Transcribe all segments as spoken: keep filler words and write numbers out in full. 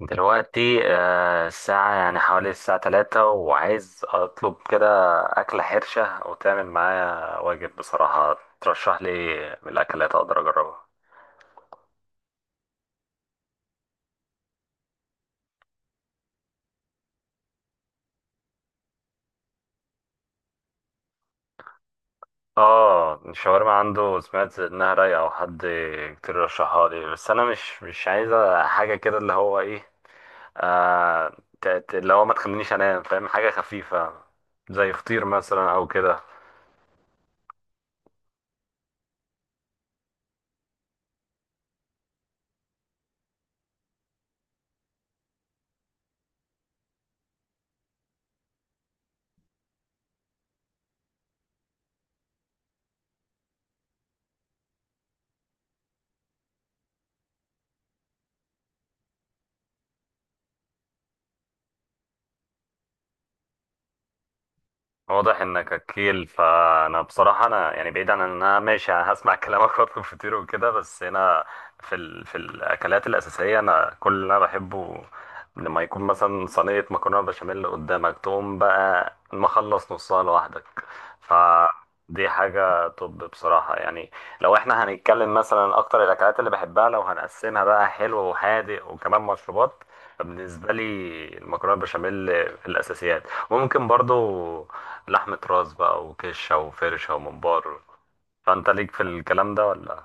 دلوقتي آه، الساعة يعني حوالي الساعة تلاتة، وعايز أطلب كده أكلة حرشة، أو تعمل معايا واجب؟ بصراحة ترشح لي إيه من الأكلات أقدر أجربها؟ آه، الشاورما عنده سمعت إنها رايقة، أو حد كتير رشحها لي، بس أنا مش مش عايزة حاجة كده، اللي هو إيه، آه ت- ت- اللي هو ما تخلينيش أنام، فاهم؟ حاجة خفيفة زي فطير مثلا أو كده. واضح انك اكيل، فانا بصراحه انا يعني بعيد عن ان انا ماشي هسمع كلامك واطلب فطير وكده، بس انا في ال... في الاكلات الاساسيه، انا كل اللي انا بحبه لما يكون مثلا صينيه مكرونه بشاميل قدامك، تقوم بقى مخلص نصها لوحدك، فدي حاجه. طب بصراحه يعني، لو احنا هنتكلم مثلا اكتر الاكلات اللي بحبها، لو هنقسمها بقى حلو وحادق وكمان مشروبات، فبالنسبه لي: المكرونه بشاميل في الاساسيات، ممكن برضو لحمة راس بقى وكشة وفرشة وممبار. فأنت ليك في الكلام ده ولا؟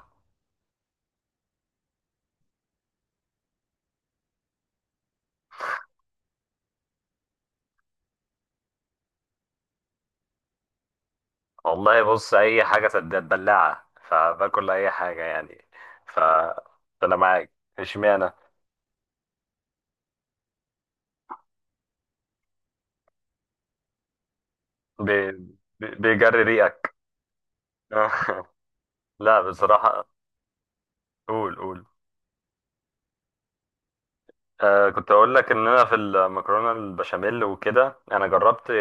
والله بص، أي حاجة سداد بلاعة فباكل أي حاجة يعني، ف... فأنا معاك. اشمعنى؟ بي... بي- بيجري ريقك. لا، بصراحة. قول قول. آه، كنت اقول لك ان انا في المكرونه البشاميل وكده انا جربت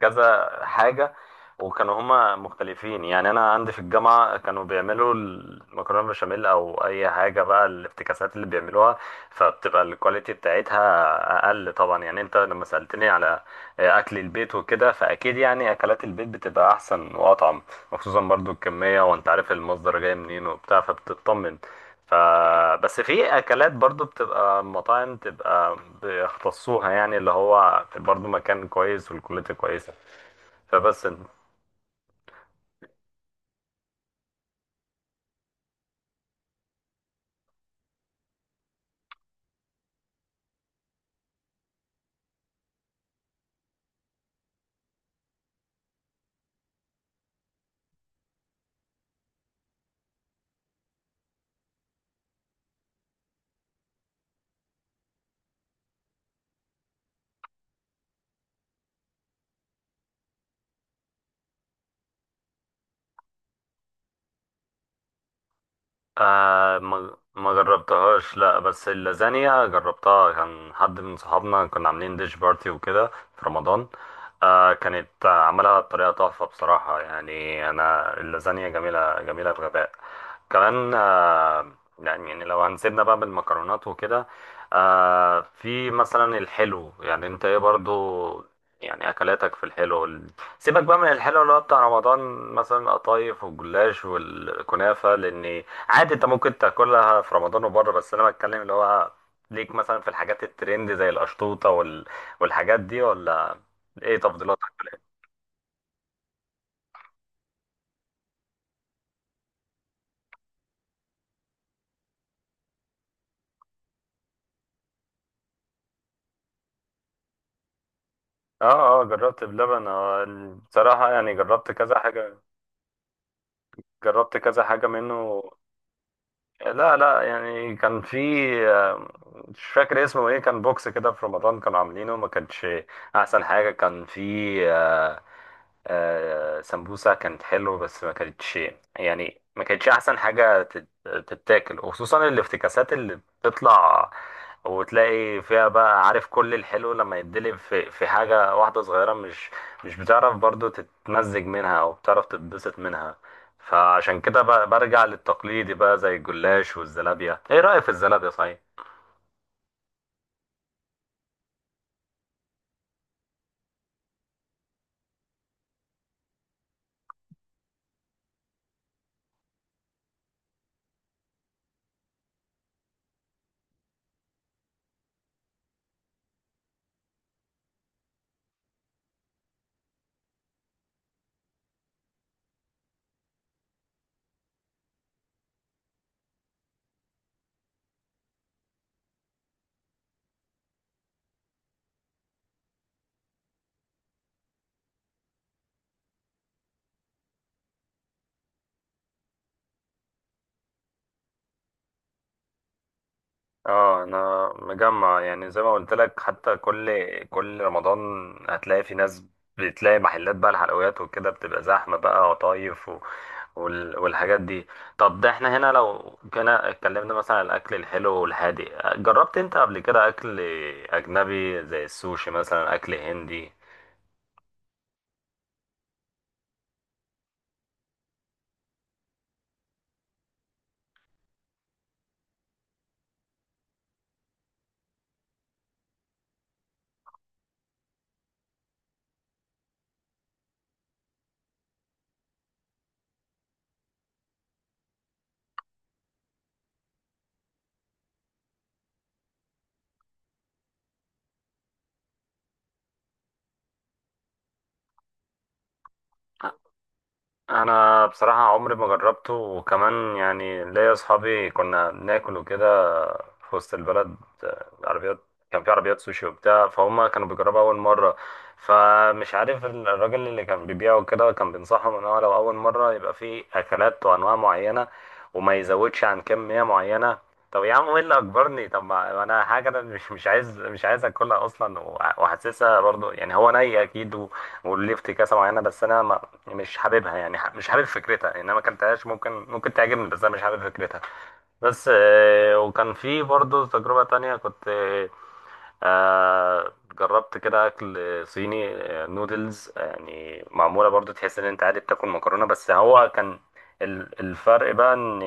كذا حاجه، وكانوا هما مختلفين، يعني انا عندي في الجامعه كانوا بيعملوا المكرونه البشاميل او اي حاجه بقى، الافتكاسات اللي بيعملوها، فبتبقى الكواليتي بتاعتها اقل طبعا. يعني انت لما سالتني على اكل البيت وكده، فاكيد يعني اكلات البيت بتبقى احسن واطعم، وخصوصا برضو الكميه، وانت عارف المصدر جاي منين وبتاع، فبتطمن. ف بس في اكلات برضو بتبقى مطاعم، بتبقى بيختصوها، يعني اللي هو برضو مكان كويس والكواليتي كويسه، فبس. آه، ما ما جربتهاش، لا، بس اللازانيا جربتها، كان حد من صحابنا كنا عاملين ديش بارتي وكده، في رمضان. آه كانت، آه، عملها بطريقة تحفة بصراحة، يعني أنا اللازانيا جميلة جميلة بغباء كمان. آه يعني يعني لو هنسيبنا بقى من المكرونات وكده، آه في مثلا الحلو، يعني انت ايه برضو، يعني اكلاتك في الحلو ال- سيبك بقى من الحلو اللي هو بتاع رمضان، مثلا القطايف والجلاش والكنافة، لان عادي انت ممكن تاكلها في رمضان وبره، بس انا بتكلم اللي هو ليك مثلا في الحاجات الترند زي القشطوطه، وال... والحاجات دي ولا؟ ايه تفضيلاتك في الاكل؟ اه، اه، جربت بلبن، اه. بصراحه يعني جربت كذا حاجه، جربت كذا حاجه منه. لا، لا، يعني كان في، آه، مش فاكر اسمه ايه، كان بوكس كده في رمضان كانوا عاملينه، ما كانش احسن حاجه. كان في، آه، آه سمبوسة كانت حلوة، بس ما كانتش، يعني ما كانتش أحسن حاجة تت- تتاكل. وخصوصا الافتكاسات اللي بتطلع، وتلاقي فيها بقى، عارف، كل الحلو لما يتدلب في في حاجة واحدة صغيرة، مش مش بتعرف برضو تتمزج منها أو بتعرف تتبسط منها. فعشان كده ب- برجع للتقليدي بقى زي الجلاش والزلابية. إيه رأيك في الزلابية، صحيح؟ اه، انا مجمع يعني زي ما قلت لك، حتى كل كل رمضان هتلاقي في ناس، بتلاقي محلات بقى الحلويات وكده، بتبقى زحمة بقى، وطايف، و... وال... والحاجات دي. طب ده احنا هنا لو كنا اتكلمنا مثلا عن الاكل الحلو والهادي، جربت انت قبل كده اكل اجنبي زي السوشي مثلا، اكل هندي؟ انا بصراحة عمري ما جربته، وكمان يعني ليا اصحابي، كنا بناكل وكده في وسط البلد، آه، عربيات، كان في عربيات سوشي وبتاع، فهم كانوا بيجربوا أول مرة، فمش عارف ال- الراجل اللي كان بيبيعه كده، كان بينصحهم إن هو لو أول مرة يبقى في أكلات وأنواع معينة، وما يزودش عن كمية معينة. طب يا عم ايه اللي اجبرني؟ طب ما انا حاجه انا مش مش عايز مش عايز اكلها اصلا، وع- وحاسسها برضو، يعني هو ني اكيد، و- وليه افتكاسه معينه، بس انا ما مش حاببها، يعني ح- مش حابب فكرتها، يعني انا ما اكلتهاش، ممكن ممكن تعجبني، بس انا مش حابب فكرتها. بس آه، وكان في برضه تجربة تانية كنت، آه، جربت كده أكل صيني، آه، نودلز يعني، معمولة برضه تحس إن أنت عادي بتاكل مكرونة، بس هو كان ال- الفرق بقى إن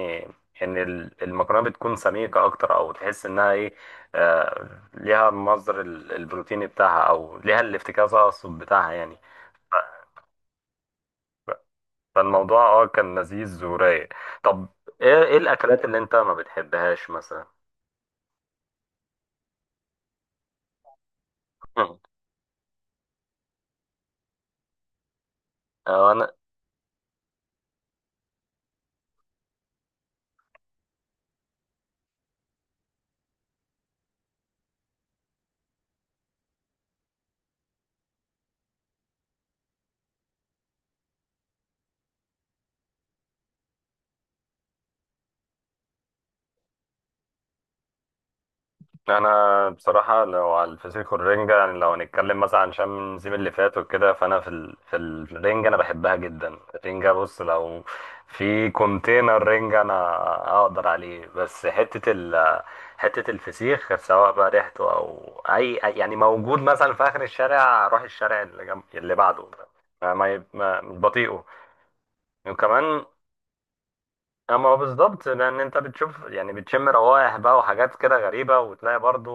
إن ال- المكرونة بتكون سميكة أكتر، أو تحس إنها إيه، آه، ليها مصدر ال- البروتين بتاعها، أو ليها الافتكاس أقصد بتاعها يعني. فالموضوع أه كان لذيذ ورايق. طب إيه إيه الأكلات اللي أنت ما بتحبهاش مثلا؟ انا انا بصراحه لو على الفسيخ والرنجه، يعني لو هنتكلم مثلا عن شم النسيم اللي فات وكده، فانا في ال... في الرنجه انا بحبها جدا. الرنجه بص، لو في كونتينر رنجه انا اقدر عليه، بس حته ال... حته الفسيخ، سواء بقى ريحته او اي أي- يعني موجود مثلا في اخر الشارع، اروح الشارع اللي جنب اللي بعده، ما ما, ما... مش بطيئه. وكمان، اما هو بالظبط، لان انت بتشوف يعني، بتشم روائح بقى وحاجات كده غريبه، وتلاقي برضو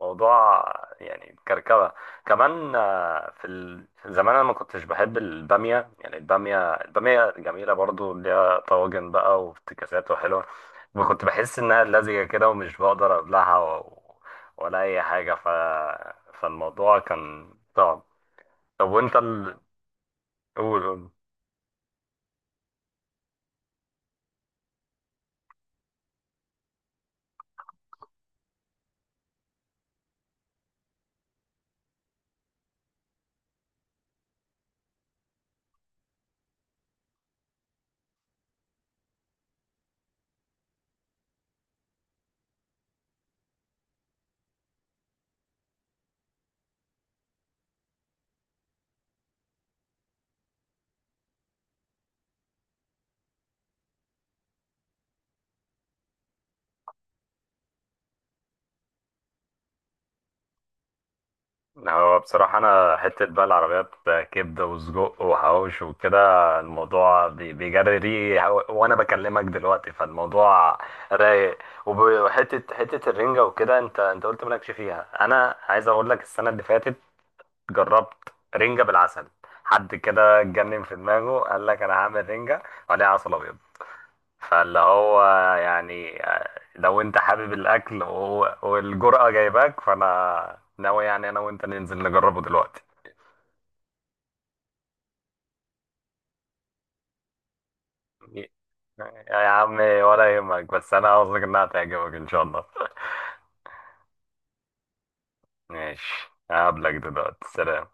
موضوع يعني كركبه. كمان آه، في ال- في زمان انا ما كنتش بحب الباميه، يعني الباميه الباميه جميله برضو، ليها طواجن بقى وافتكاسات وحلوه، وكنت بحس انها لزجه كده ومش بقدر ابلعها و- ولا اي حاجه، ف فالموضوع كان صعب. طب وانت ال... قول قول. هو بصراحة أنا حتة بقى العربيات كبدة وسجق وحواوش وكده، الموضوع بي- بيجري ريقي، هو- وأنا بكلمك دلوقتي، فالموضوع رايق. وب- وحتة حتة الرنجة وكده، أنت أنت قلت مالكش فيها. أنا عايز أقول لك، السنة اللي فاتت جربت رنجة بالعسل، حد كده اتجنن في دماغه قال لك أنا هعمل رنجة عليها عسل أبيض. فاللي هو يعني، لو انت حابب الاكل و- والجرأة جايباك، فانا ناوي يعني انا وانت ننزل نجربه دلوقتي. يا عم ولا يهمك، بس انا قصدك انها تعجبك ان شاء الله. ماشي، هقابلك دلوقتي، سلام.